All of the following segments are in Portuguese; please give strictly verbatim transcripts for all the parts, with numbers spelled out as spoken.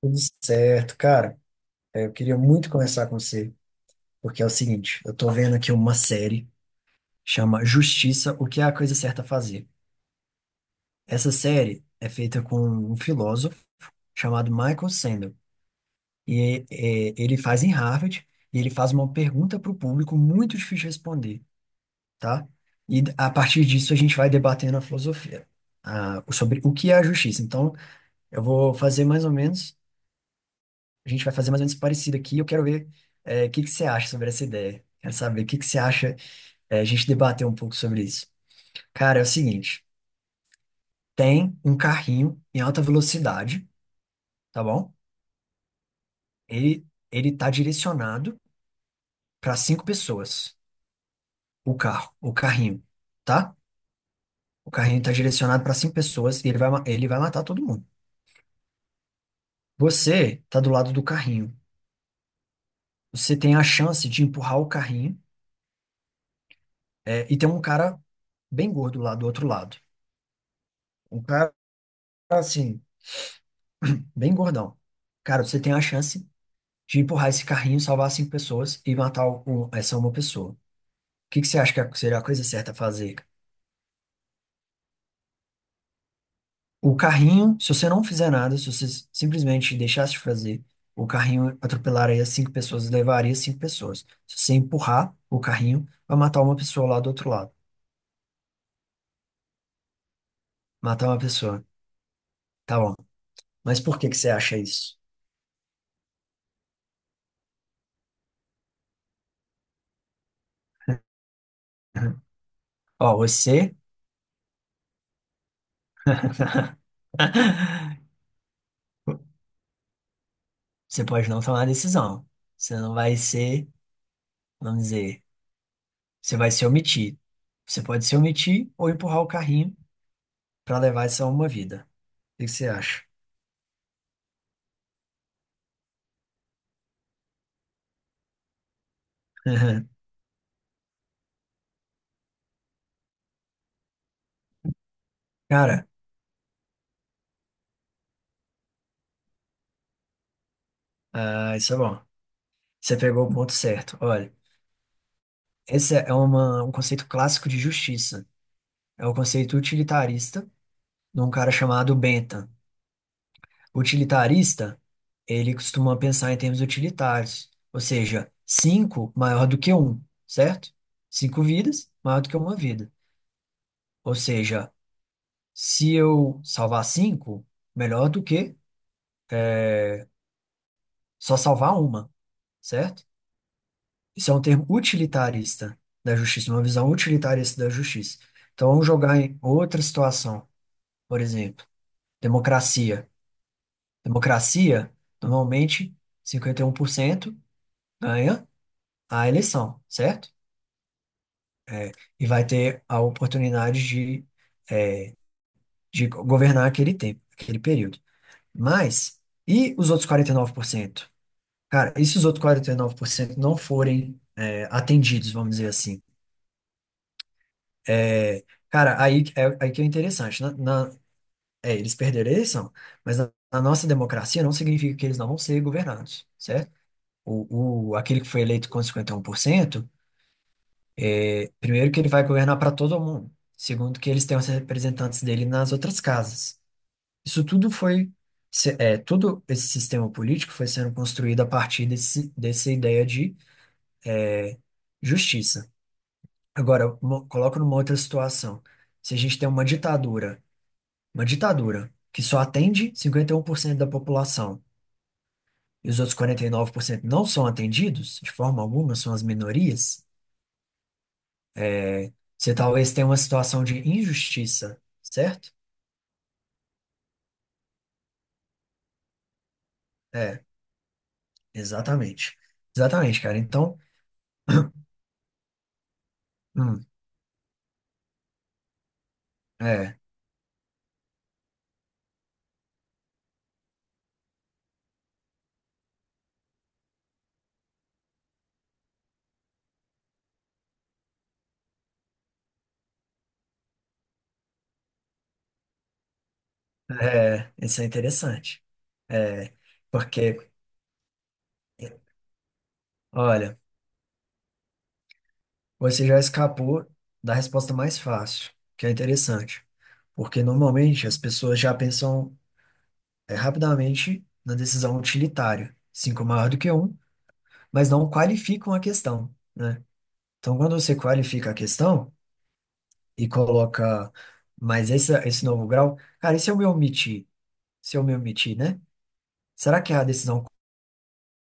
Tudo certo, cara. É, Eu queria muito conversar com você, porque é o seguinte, eu tô vendo aqui uma série chama Justiça, o que é a coisa certa a fazer. Essa série é feita com um filósofo chamado Michael Sandel, e é, ele faz em Harvard, e ele faz uma pergunta para o público muito difícil de responder, tá? E a partir disso a gente vai debatendo a filosofia, ah, sobre o que é a justiça. Então, eu vou fazer mais ou menos a gente vai fazer mais ou menos parecido aqui. Eu quero ver é, o que que você acha sobre essa ideia. Quero saber o que que você acha, é, a gente debater um pouco sobre isso. Cara, é o seguinte, tem um carrinho em alta velocidade, tá bom? Ele ele tá direcionado para cinco pessoas, o carro, o carrinho, tá? O carrinho tá direcionado para cinco pessoas e ele vai ma- ele vai matar todo mundo. Você tá do lado do carrinho. Você tem a chance de empurrar o carrinho, é, e tem um cara bem gordo lá do outro lado. Um cara assim bem gordão. Cara, você tem a chance de empurrar esse carrinho, salvar cinco pessoas e matar um- essa uma pessoa. O que que você acha que é- seria a coisa certa a fazer? O carrinho, se você não fizer nada, se você simplesmente deixasse de fazer, o carrinho atropelaria cinco pessoas e levaria cinco pessoas. Se você empurrar o carrinho, vai matar uma pessoa lá do outro lado. Matar uma pessoa. Tá bom. Mas por que que você acha isso? Ó, você. Você pode não tomar decisão. Você não vai ser, vamos dizer. Você vai se omitir. Você pode se omitir ou empurrar o carrinho para levar essa uma vida. O que que você acha? Cara, ah, isso é bom. Você pegou o ponto certo. Olha, esse é uma, um conceito clássico de justiça. É o conceito utilitarista de um cara chamado Bentham. Utilitarista, ele costuma pensar em termos utilitários, ou seja, cinco maior do que um, certo? Cinco vidas maior do que uma vida. Ou seja, se eu salvar cinco, melhor do que é, só salvar uma, certo? Isso é um termo utilitarista da justiça, uma visão utilitarista da justiça. Então, vamos jogar em outra situação, por exemplo, democracia. Democracia, normalmente, cinquenta e um por cento ganha a eleição, certo? E vai ter a oportunidade de, de governar aquele tempo, aquele período. Mas, e os outros quarenta e nove por cento? Cara, e se os outros quarenta e nove por cento não forem, é, atendidos, vamos dizer assim? É, cara, aí, é, aí que é interessante. Na, na- é, eles perderam a eleição, mas na, na nossa democracia não significa que eles não vão ser governados, certo? O, o, aquele que foi eleito com um cinquenta e um por cento, é, primeiro que ele vai governar para todo mundo. Segundo que eles têm os representantes dele nas outras casas. Isso tudo foi, se- é, todo esse sistema político foi sendo construído a partir desse, dessa ideia de justiça. Agora, mo- coloco numa outra situação. Se a gente tem uma ditadura Uma ditadura que só atende cinquenta e um por cento da população e os outros quarenta e nove por cento não são atendidos, de forma alguma, são as minorias, você talvez tenha uma situação de injustiça, certo? É, exatamente. Exatamente, cara. Então, hum, é, é, isso é interessante. É, porque, olha, você já escapou da resposta mais fácil, que é interessante. Porque normalmente as pessoas já pensam é, rapidamente na decisão utilitária. Cinco é maior do que um, mas não qualificam a questão, né? Então, quando você qualifica a questão e coloca mais essa, esse novo grau, cara, e se eu me omitir? Se eu me omitir, né? Será que é a decisão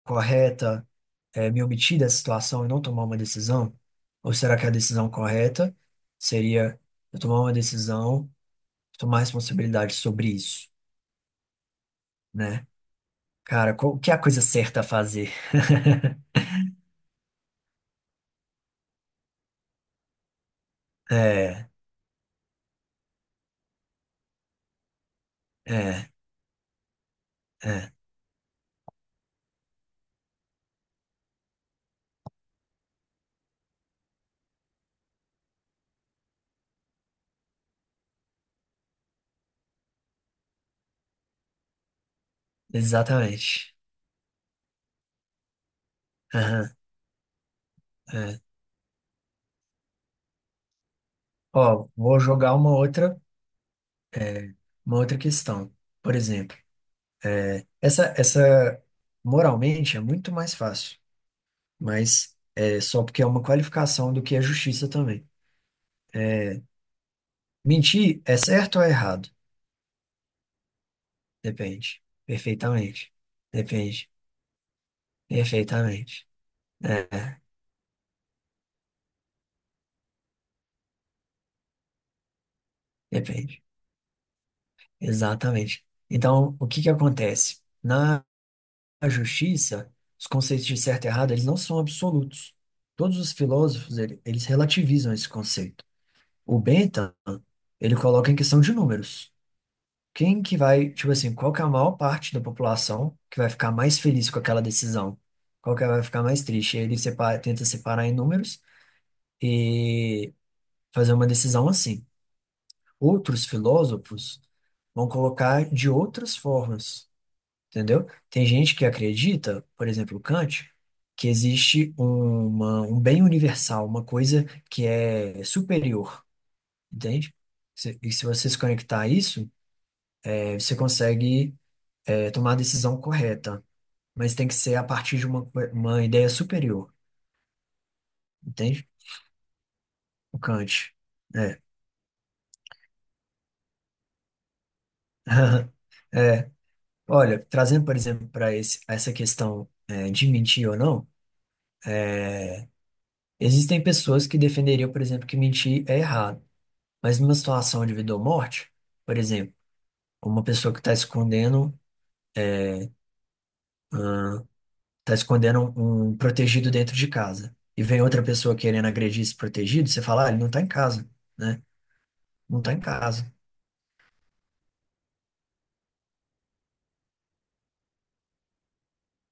correta é me omitir da situação e não tomar uma decisão? Ou será que a decisão correta seria eu tomar uma decisão, tomar responsabilidade sobre isso, né? Cara, qual, o que é a coisa certa a fazer? É. É. É, exatamente. Aham, é. Ó, vou jogar uma outra, é, uma outra questão. Por exemplo, é, essa, essa moralmente é muito mais fácil, mas é só porque é uma qualificação do que é justiça também. É, mentir é certo ou é errado? Depende. Perfeitamente. Depende. Perfeitamente. É, depende. Exatamente. Então, o que que acontece? A justiça, os conceitos de certo e errado, eles não são absolutos. Todos os filósofos, ele- eles relativizam esse conceito. O Bentham, ele coloca em questão de números. Quem que vai, tipo assim, qual que é a maior parte da população que vai ficar mais feliz com aquela decisão? Qual que vai ficar mais triste? Ele separa, tenta separar em números e fazer uma decisão assim. Outros filósofos vão colocar de outras formas. Entendeu? Tem gente que acredita, por exemplo, Kant, que existe uma, um bem universal, uma coisa que é superior, entende? Se- E se você se conectar a isso, eh, você consegue eh, tomar a decisão correta, mas tem que ser a partir de uma, co- uma ideia superior, entende? O Kant. É. É. Olha, trazendo, por exemplo, para esse essa questão eh, de mentir ou não, existem pessoas que defenderiam, por exemplo, que mentir é errado. Mas numa situação de vida ou morte, por exemplo, uma pessoa que está escondendo, tá escondendo um um protegido dentro de casa e vem outra pessoa querendo agredir esse protegido, você fala, ah, ele não tá em casa, né? Não tá em casa.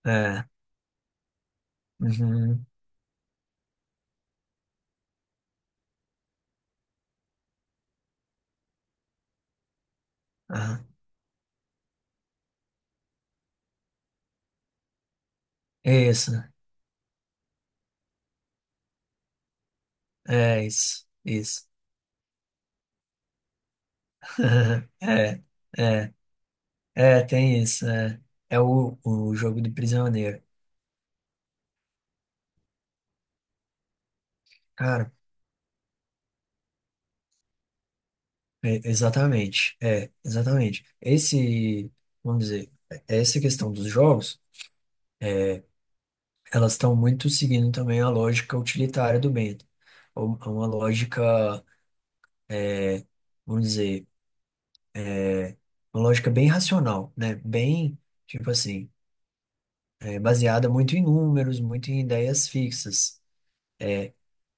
É. Uhum. Aham. Isso. É isso. Isso. É. É. É, tem isso. É, é o, o jogo do prisioneiro. Cara, é- exatamente. É, exatamente. Esse, vamos dizer, é essa questão dos jogos elas estão muito seguindo também a lógica utilitária do bem, ou- uma lógica, é, vamos dizer, uma lógica bem racional, né? Bem, tipo assim, é, baseada muito em números, muito em ideias fixas.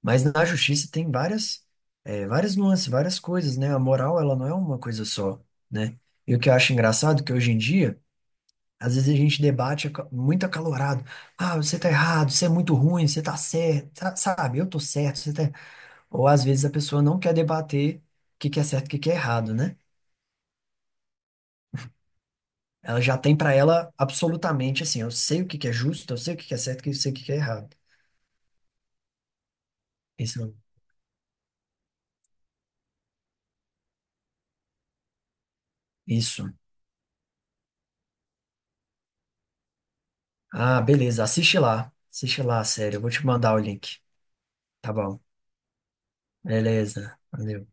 Mas na justiça tem várias, é, várias nuances, várias coisas, né? A moral, ela não é uma coisa só, né? E o que eu acho engraçado é que hoje em dia, às vezes a gente debate aca- muito acalorado. Ah, você tá errado, você é muito ruim, você tá certo, sa- sabe? Eu tô certo, você tá. Ou às vezes a pessoa não quer debater o que que é certo e o que que é errado, né? Ela já tem para ela absolutamente assim, eu sei o que que é justo, eu sei o que que é certo, eu sei o que que é errado. Isso. Isso. Ah, beleza, assiste lá. Assiste lá, sério. Eu vou te mandar o link. Tá bom. Beleza. Valeu.